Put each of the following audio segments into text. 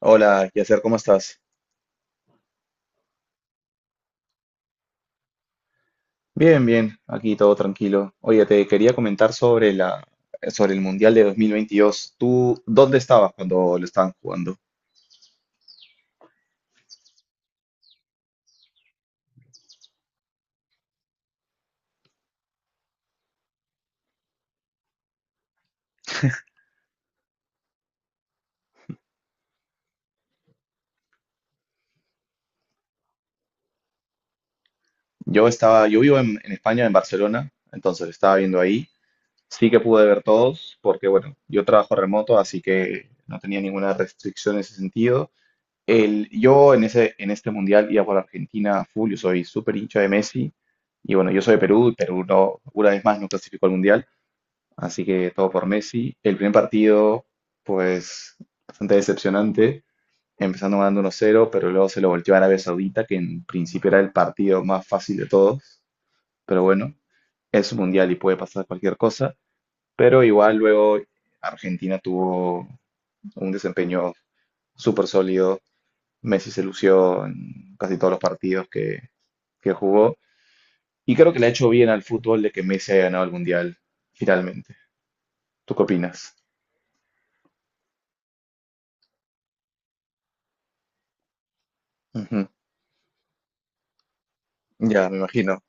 Hola, Yasser, ¿cómo estás? Bien, bien, aquí todo tranquilo. Oye, te quería comentar sobre el Mundial de 2022. ¿Tú dónde estabas cuando lo estaban jugando? Yo vivo en, España, en Barcelona, entonces lo estaba viendo ahí. Sí que pude ver todos, porque bueno, yo trabajo remoto, así que no tenía ninguna restricción en ese sentido. Yo en este Mundial iba por Argentina a full, yo soy súper hincha de Messi, y bueno, yo soy de Perú, y Perú no, una vez más no clasificó al Mundial. Así que todo por Messi. El primer partido, pues bastante decepcionante, empezando ganando 1 cero, pero luego se lo volteó a Arabia Saudita, que en principio era el partido más fácil de todos. Pero bueno, es un mundial y puede pasar cualquier cosa. Pero igual luego Argentina tuvo un desempeño súper sólido. Messi se lució en casi todos los partidos que jugó. Y creo que le ha hecho bien al fútbol de que Messi haya ganado el mundial finalmente. ¿Tú qué opinas? Ujú. Ya, me imagino.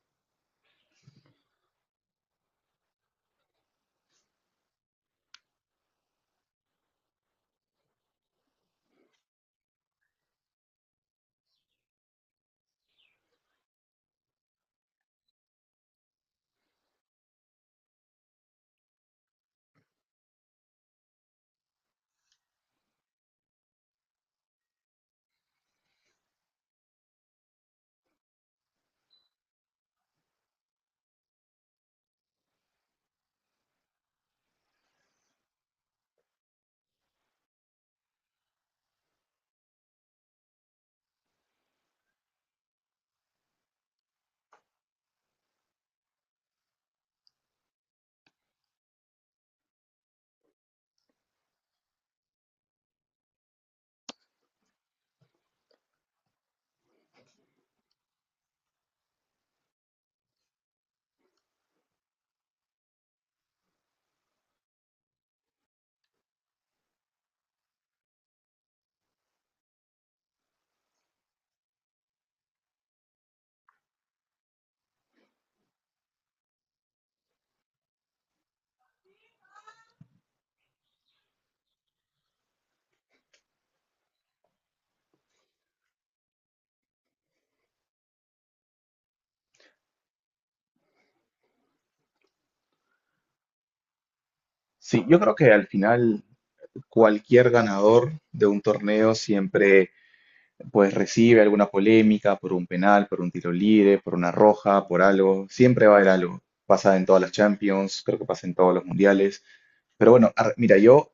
Sí, yo creo que al final cualquier ganador de un torneo siempre pues recibe alguna polémica por un penal, por un tiro libre, por una roja, por algo. Siempre va a haber algo. Pasa en todas las Champions, creo que pasa en todos los mundiales. Pero bueno, mira, yo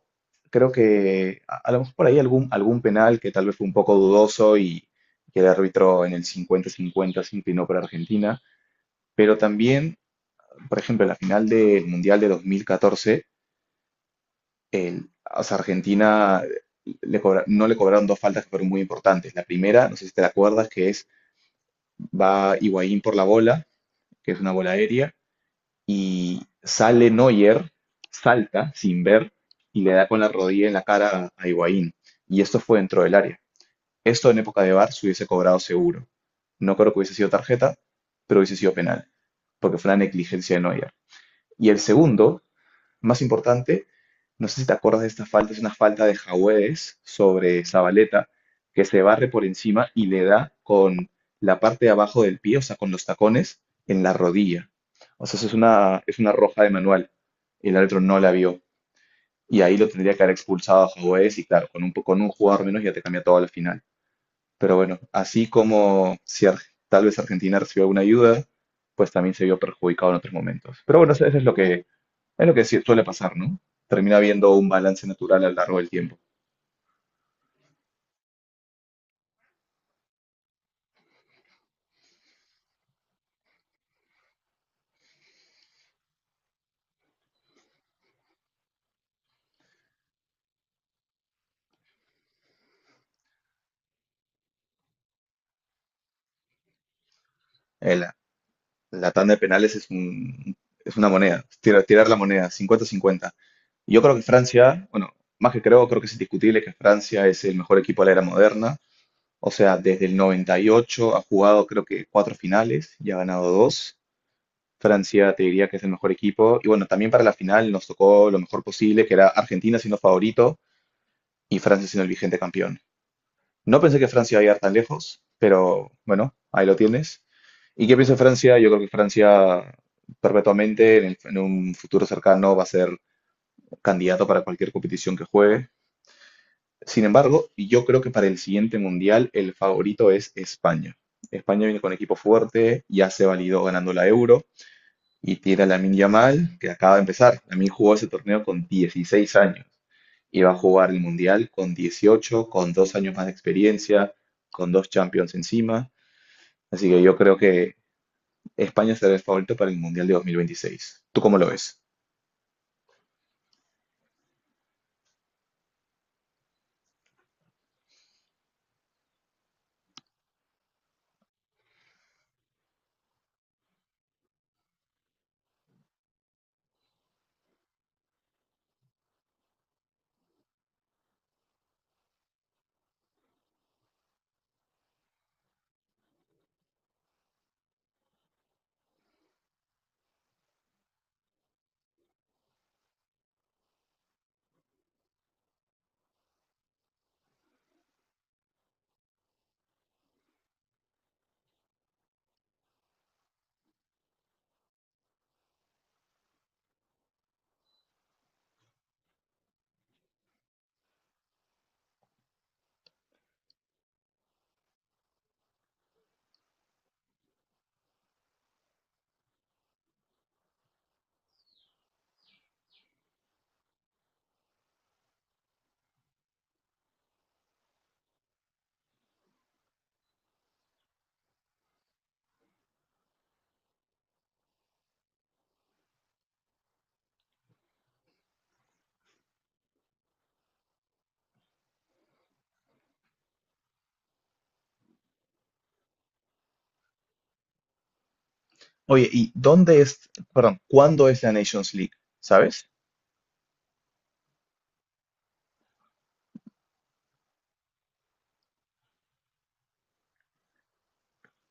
creo que a lo mejor por ahí algún penal que tal vez fue un poco dudoso y que el árbitro en el 50-50 se inclinó para Argentina. Pero también, por ejemplo, en la final del Mundial de 2014, o sea, Argentina no le cobraron dos faltas que fueron muy importantes. La primera, no sé si te la acuerdas, que es va Higuaín por la bola, que es una bola aérea, y sale Neuer, salta sin ver y le da con la rodilla en la cara a Higuaín. Y esto fue dentro del área. Esto en época de VAR se hubiese cobrado seguro. No creo que hubiese sido tarjeta, pero hubiese sido penal, porque fue una negligencia de Neuer. Y el segundo más importante, no sé si te acuerdas de esta falta, es una falta de Jaüez sobre Zabaleta, que se barre por encima y le da con la parte de abajo del pie, o sea, con los tacones, en la rodilla. O sea, eso es una roja de manual. El árbitro no la vio. Y ahí lo tendría que haber expulsado a Jaüez y claro, con un jugador menos ya te cambia todo al final. Pero bueno, así como si Ar- tal vez Argentina recibió alguna ayuda, pues también se vio perjudicado en otros momentos. Pero bueno, eso es lo que sí suele pasar, ¿no? Termina habiendo un balance natural a lo largo del tiempo. La, la tanda de penales es es una moneda, tirar la moneda, 50-50. Yo creo que Francia, bueno, más que creo, creo que es indiscutible que Francia es el mejor equipo de la era moderna. O sea, desde el 98 ha jugado creo que cuatro finales y ha ganado dos. Francia te diría que es el mejor equipo. Y bueno, también para la final nos tocó lo mejor posible, que era Argentina siendo favorito y Francia siendo el vigente campeón. No pensé que Francia iba a llegar tan lejos, pero bueno, ahí lo tienes. ¿Y qué pienso de Francia? Yo creo que Francia perpetuamente en un futuro cercano va a ser candidato para cualquier competición que juegue. Sin embargo, yo creo que para el siguiente mundial el favorito es España. España viene con equipo fuerte, ya se validó ganando la Euro y tiene a Lamine Yamal, que acaba de empezar. Lamine jugó ese torneo con 16 años. Iba a jugar el Mundial con 18, con dos años más de experiencia, con dos Champions encima. Así que yo creo que España será el favorito para el Mundial de 2026. ¿Tú cómo lo ves? Oye, ¿y dónde es, perdón, cuándo es la Nations League? ¿Sabes?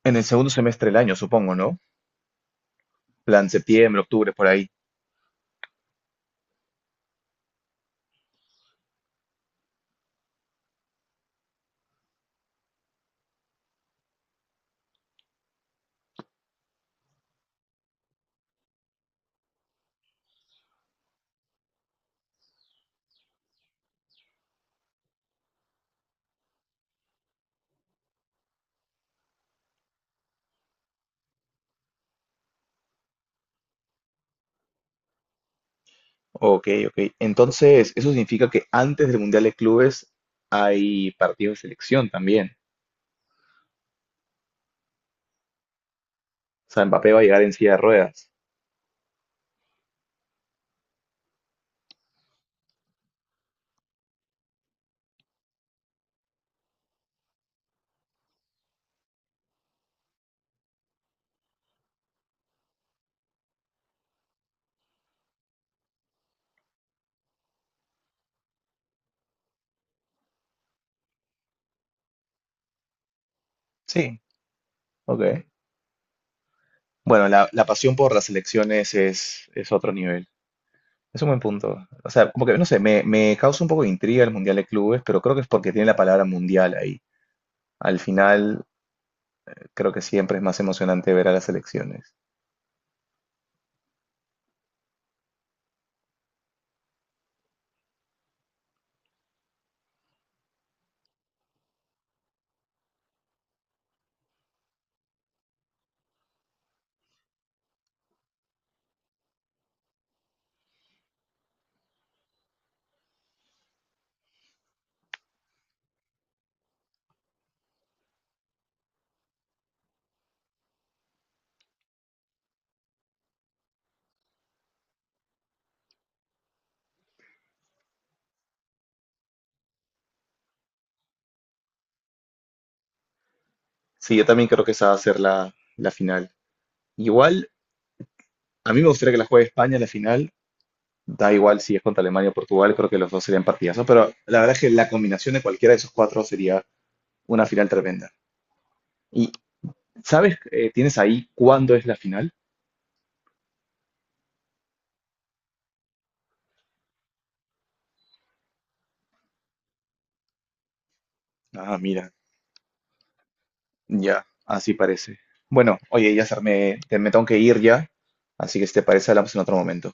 En el segundo semestre del año, supongo, ¿no? Plan septiembre, octubre, por ahí. Ok, ok. Entonces, eso significa que antes del Mundial de Clubes hay partidos de selección también. O sea, Mbappé va a llegar en silla de ruedas. Sí, ok. Bueno, la pasión por las elecciones es otro nivel. Es un buen punto. O sea, como que, no sé, me causa un poco de intriga el Mundial de Clubes, pero creo que es porque tiene la palabra mundial ahí. Al final, creo que siempre es más emocionante ver a las elecciones. Sí, yo también creo que esa va a ser la, la final. Igual, a mí me gustaría que la juegue España en la final. Da igual si es contra Alemania o Portugal, creo que los dos serían partidazos, pero la verdad es que la combinación de cualquiera de esos cuatro sería una final tremenda. ¿Y sabes, tienes ahí cuándo es la final? Ah, mira, ya, así parece. Bueno, oye, ya me tengo que ir ya, así que si te parece hablamos en otro momento.